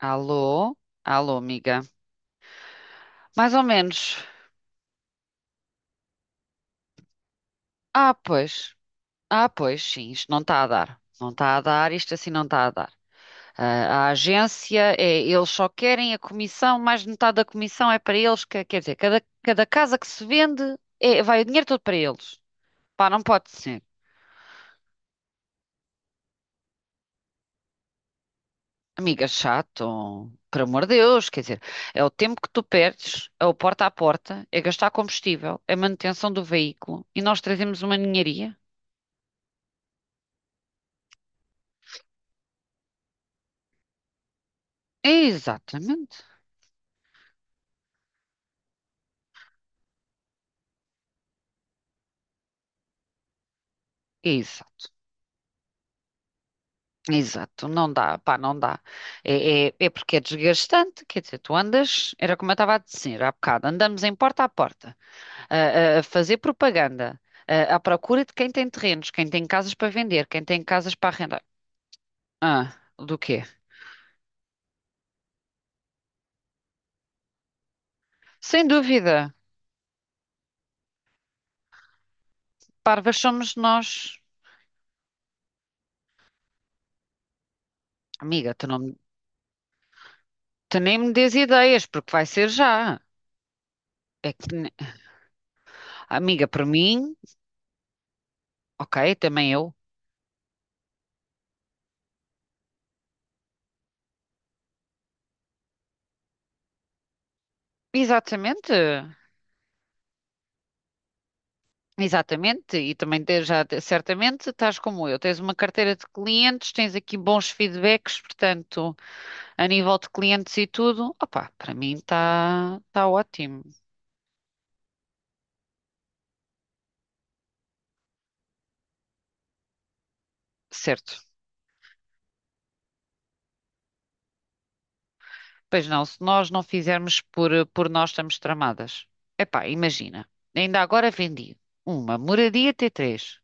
Alô? Alô, amiga. Mais ou menos. Ah, pois. Ah, pois, sim, isto não está a dar. Não está a dar, isto assim não está a dar. Ah, a agência, é, eles só querem a comissão, mais de metade da comissão é para eles. Quer dizer, cada casa que se vende, é, vai o dinheiro todo para eles. Pá, não pode ser. Amiga, chato. Por amor de Deus, quer dizer, é o tempo que tu perdes, é o porta a porta, é gastar combustível, é manutenção do veículo e nós trazemos uma ninharia. Exatamente. Exato, exato, não dá, pá, não dá. É porque é desgastante, quer dizer, tu andas, era como eu estava a dizer há bocado, andamos em porta a porta a fazer propaganda, à procura de quem tem terrenos, quem tem casas para vender, quem tem casas para arrendar. Ah, do quê? Sem dúvida, parvas somos nós. Amiga, tu nem me dês ideias, porque vai ser já. É que, ne- amiga, por mim, ok, também eu. Exatamente. Exatamente, e também te- já te- certamente estás como eu, tens uma carteira de clientes, tens aqui bons feedbacks, portanto, a nível de clientes e tudo, opá, para mim está ótimo, certo? Pois não, se nós não fizermos por nós estamos tramadas. Epá, imagina, ainda agora vendi uma moradia T3,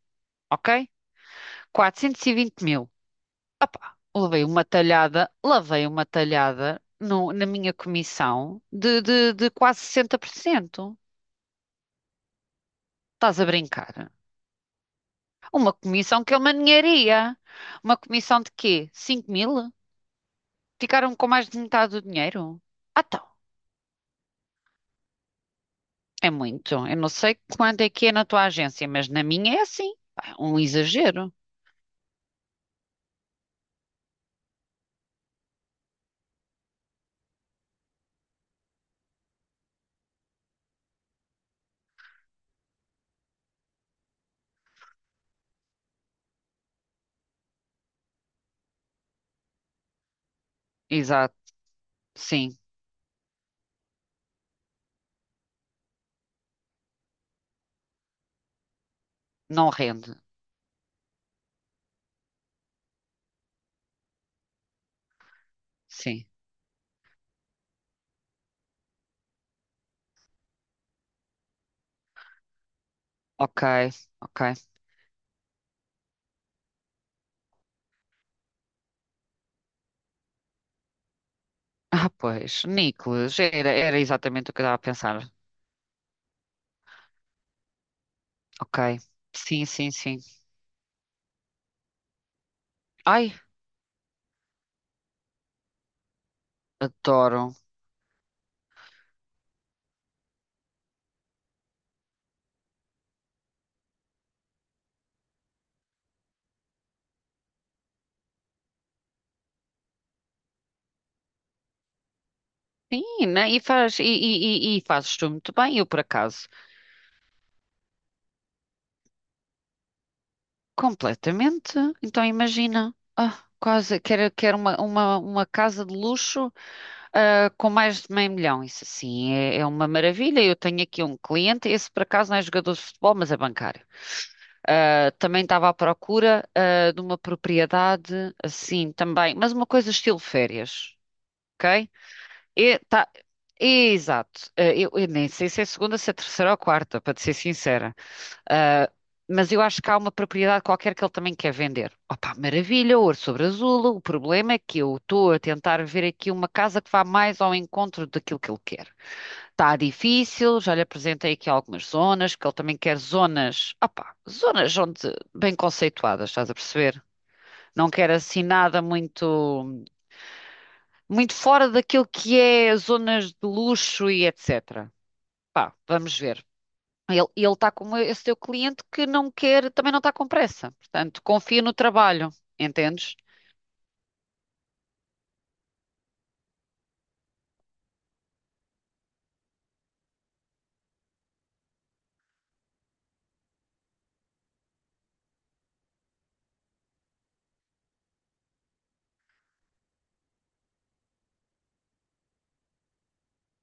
ok? 420.000. Opá, levei uma talhada, lavei uma talhada na minha comissão de quase 60%. Estás a brincar? Uma comissão que é uma ninharia. Uma comissão de quê? 5.000? Ficaram com mais de metade do dinheiro? Ah, então, é muito. Eu não sei quanto é que é na tua agência, mas na minha é assim. Pá, um exagero. Exato, sim. Não rende. Sim. Ok, ok. Ah, pois, Nicolas, era, era exatamente o que eu estava a pensar. Ok. Sim, sim, sim. Ai, adoro. Sim, né? E faz, e fazes tu muito bem, eu por acaso. Completamente. Então imagina, quase quer uma casa de luxo, com mais de meio milhão. Isso assim é, é uma maravilha. Eu tenho aqui um cliente, esse por acaso não é jogador de futebol, mas é bancário. Ah, também estava à procura, de uma propriedade assim também, mas uma coisa estilo férias, ok? E, tá, exato. Ah, eu nem sei se é segunda, se é terceira ou quarta, para te ser sincera. Ah, mas eu acho que há uma propriedade qualquer que ele também quer vender. Opa, maravilha, ouro sobre azul. O problema é que eu estou a tentar ver aqui uma casa que vá mais ao encontro daquilo que ele quer. Está difícil, já lhe apresentei aqui algumas zonas, porque ele também quer zonas, opa, zonas onde bem conceituadas, estás a perceber? Não quer assim nada muito, muito fora daquilo que é zonas de luxo e etc. Pá, vamos ver. Ele está com esse teu cliente que não quer, também não está com pressa. Portanto, confia no trabalho, entendes?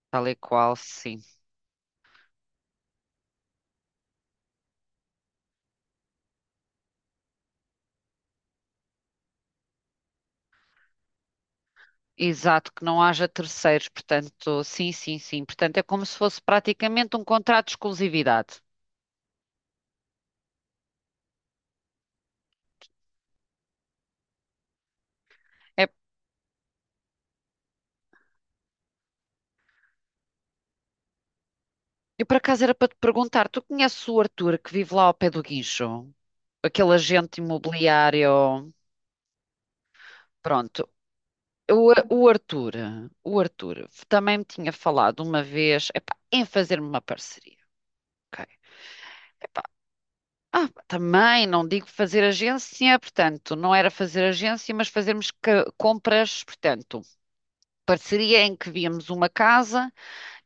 Tal e qual, sim. Exato, que não haja terceiros, portanto, sim, sim, sim. Portanto, é como se fosse praticamente um contrato de exclusividade. É, eu por acaso era para te perguntar, tu conheces o Arthur que vive lá ao pé do Guincho? Aquele agente imobiliário. Pronto. O Arthur, o Arthur também me tinha falado uma vez, epá, em fazer-me uma parceria, ok? Ah, também não digo fazer agência, portanto, não era fazer agência, mas fazermos compras, portanto, parceria em que víamos uma casa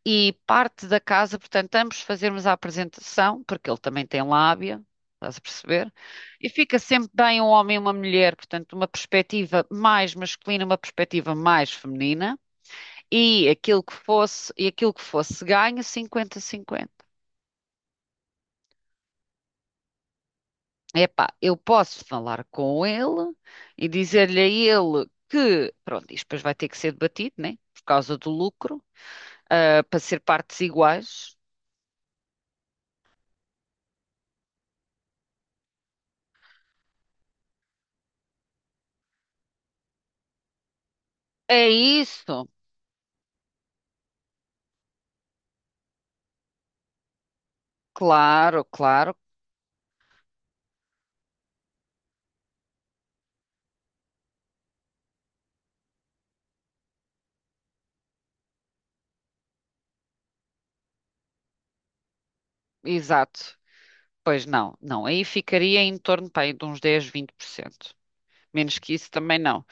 e parte da casa, portanto, ambos fazermos a apresentação, porque ele também tem lábia, estás a perceber? E fica sempre bem um homem e uma mulher, portanto, uma perspectiva mais masculina, uma perspectiva mais feminina, e aquilo que fosse, e aquilo que fosse ganho, 50-50. Epá, eu posso falar com ele e dizer-lhe a ele que, pronto, isto depois vai ter que ser debatido, né? Por causa do lucro, para ser partes iguais. É isso? Claro, claro, exato. Pois não, não, aí ficaria em torno, pá, aí de uns 10, 20%. Menos que isso também não.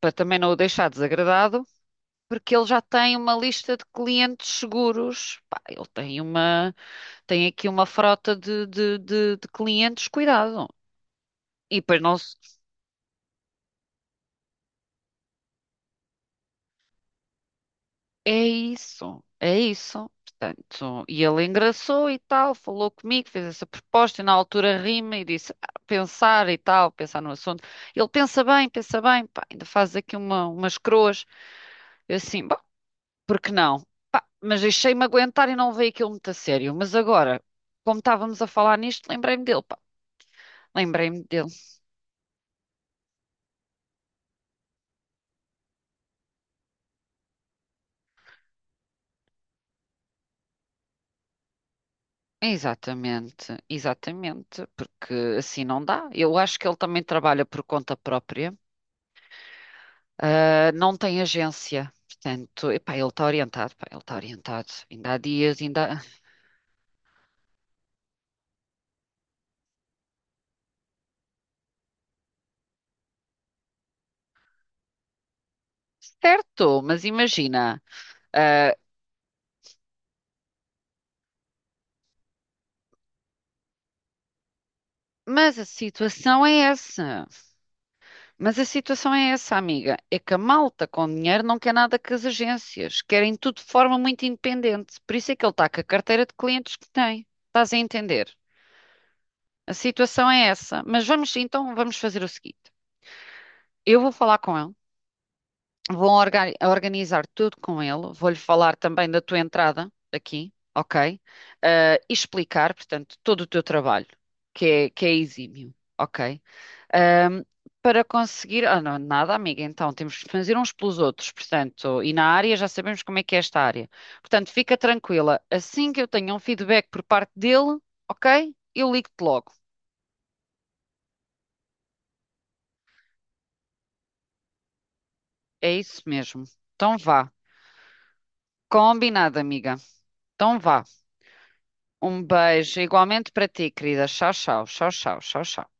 Para também não o deixar desagradado, porque ele já tem uma lista de clientes seguros. Pá, ele tem uma, tem aqui uma frota de clientes, cuidado. E depois nós. É isso, é isso. Portanto, e ele engraçou e tal, falou comigo, fez essa proposta e na altura rima e disse "Ah, pensar e tal, pensar no assunto. Ele pensa bem, pá, ainda faz aqui uma, umas croas. Eu assim, bom, por que não? Pá, mas deixei-me aguentar e não levei aquilo muito a sério. Mas agora, como estávamos a falar nisto, lembrei-me dele, pá. Lembrei-me dele. Exatamente, exatamente, porque assim não dá. Eu acho que ele também trabalha por conta própria. Ah, não tem agência. Portanto, epá, ele está orientado, pá, ele está orientado. Ainda há dias, ainda. Há- Certo, mas imagina. ah, mas a situação é essa. Mas a situação é essa, amiga. É que a malta com dinheiro não quer nada com as agências. Querem tudo de forma muito independente. Por isso é que ele está com a carteira de clientes que tem. Estás a entender? A situação é essa. Mas vamos, então, vamos fazer o seguinte. Eu vou falar com ele. Organizar tudo com ele. Vou-lhe falar também da tua entrada aqui, ok? Ah, e explicar, portanto, todo o teu trabalho, que é exímio, ok? Ahm, Para conseguir. Ah, não, nada, amiga, então temos que fazer uns pelos outros, portanto, e na área já sabemos como é que é esta área. Portanto, fica tranquila. Assim que eu tenha um feedback por parte dele, ok? Eu ligo-te logo. É isso mesmo. Então vá. Combinado, amiga. Então vá. Um beijo igualmente para ti, querida. Tchau, tchau, tchau, tchau, tchau, tchau.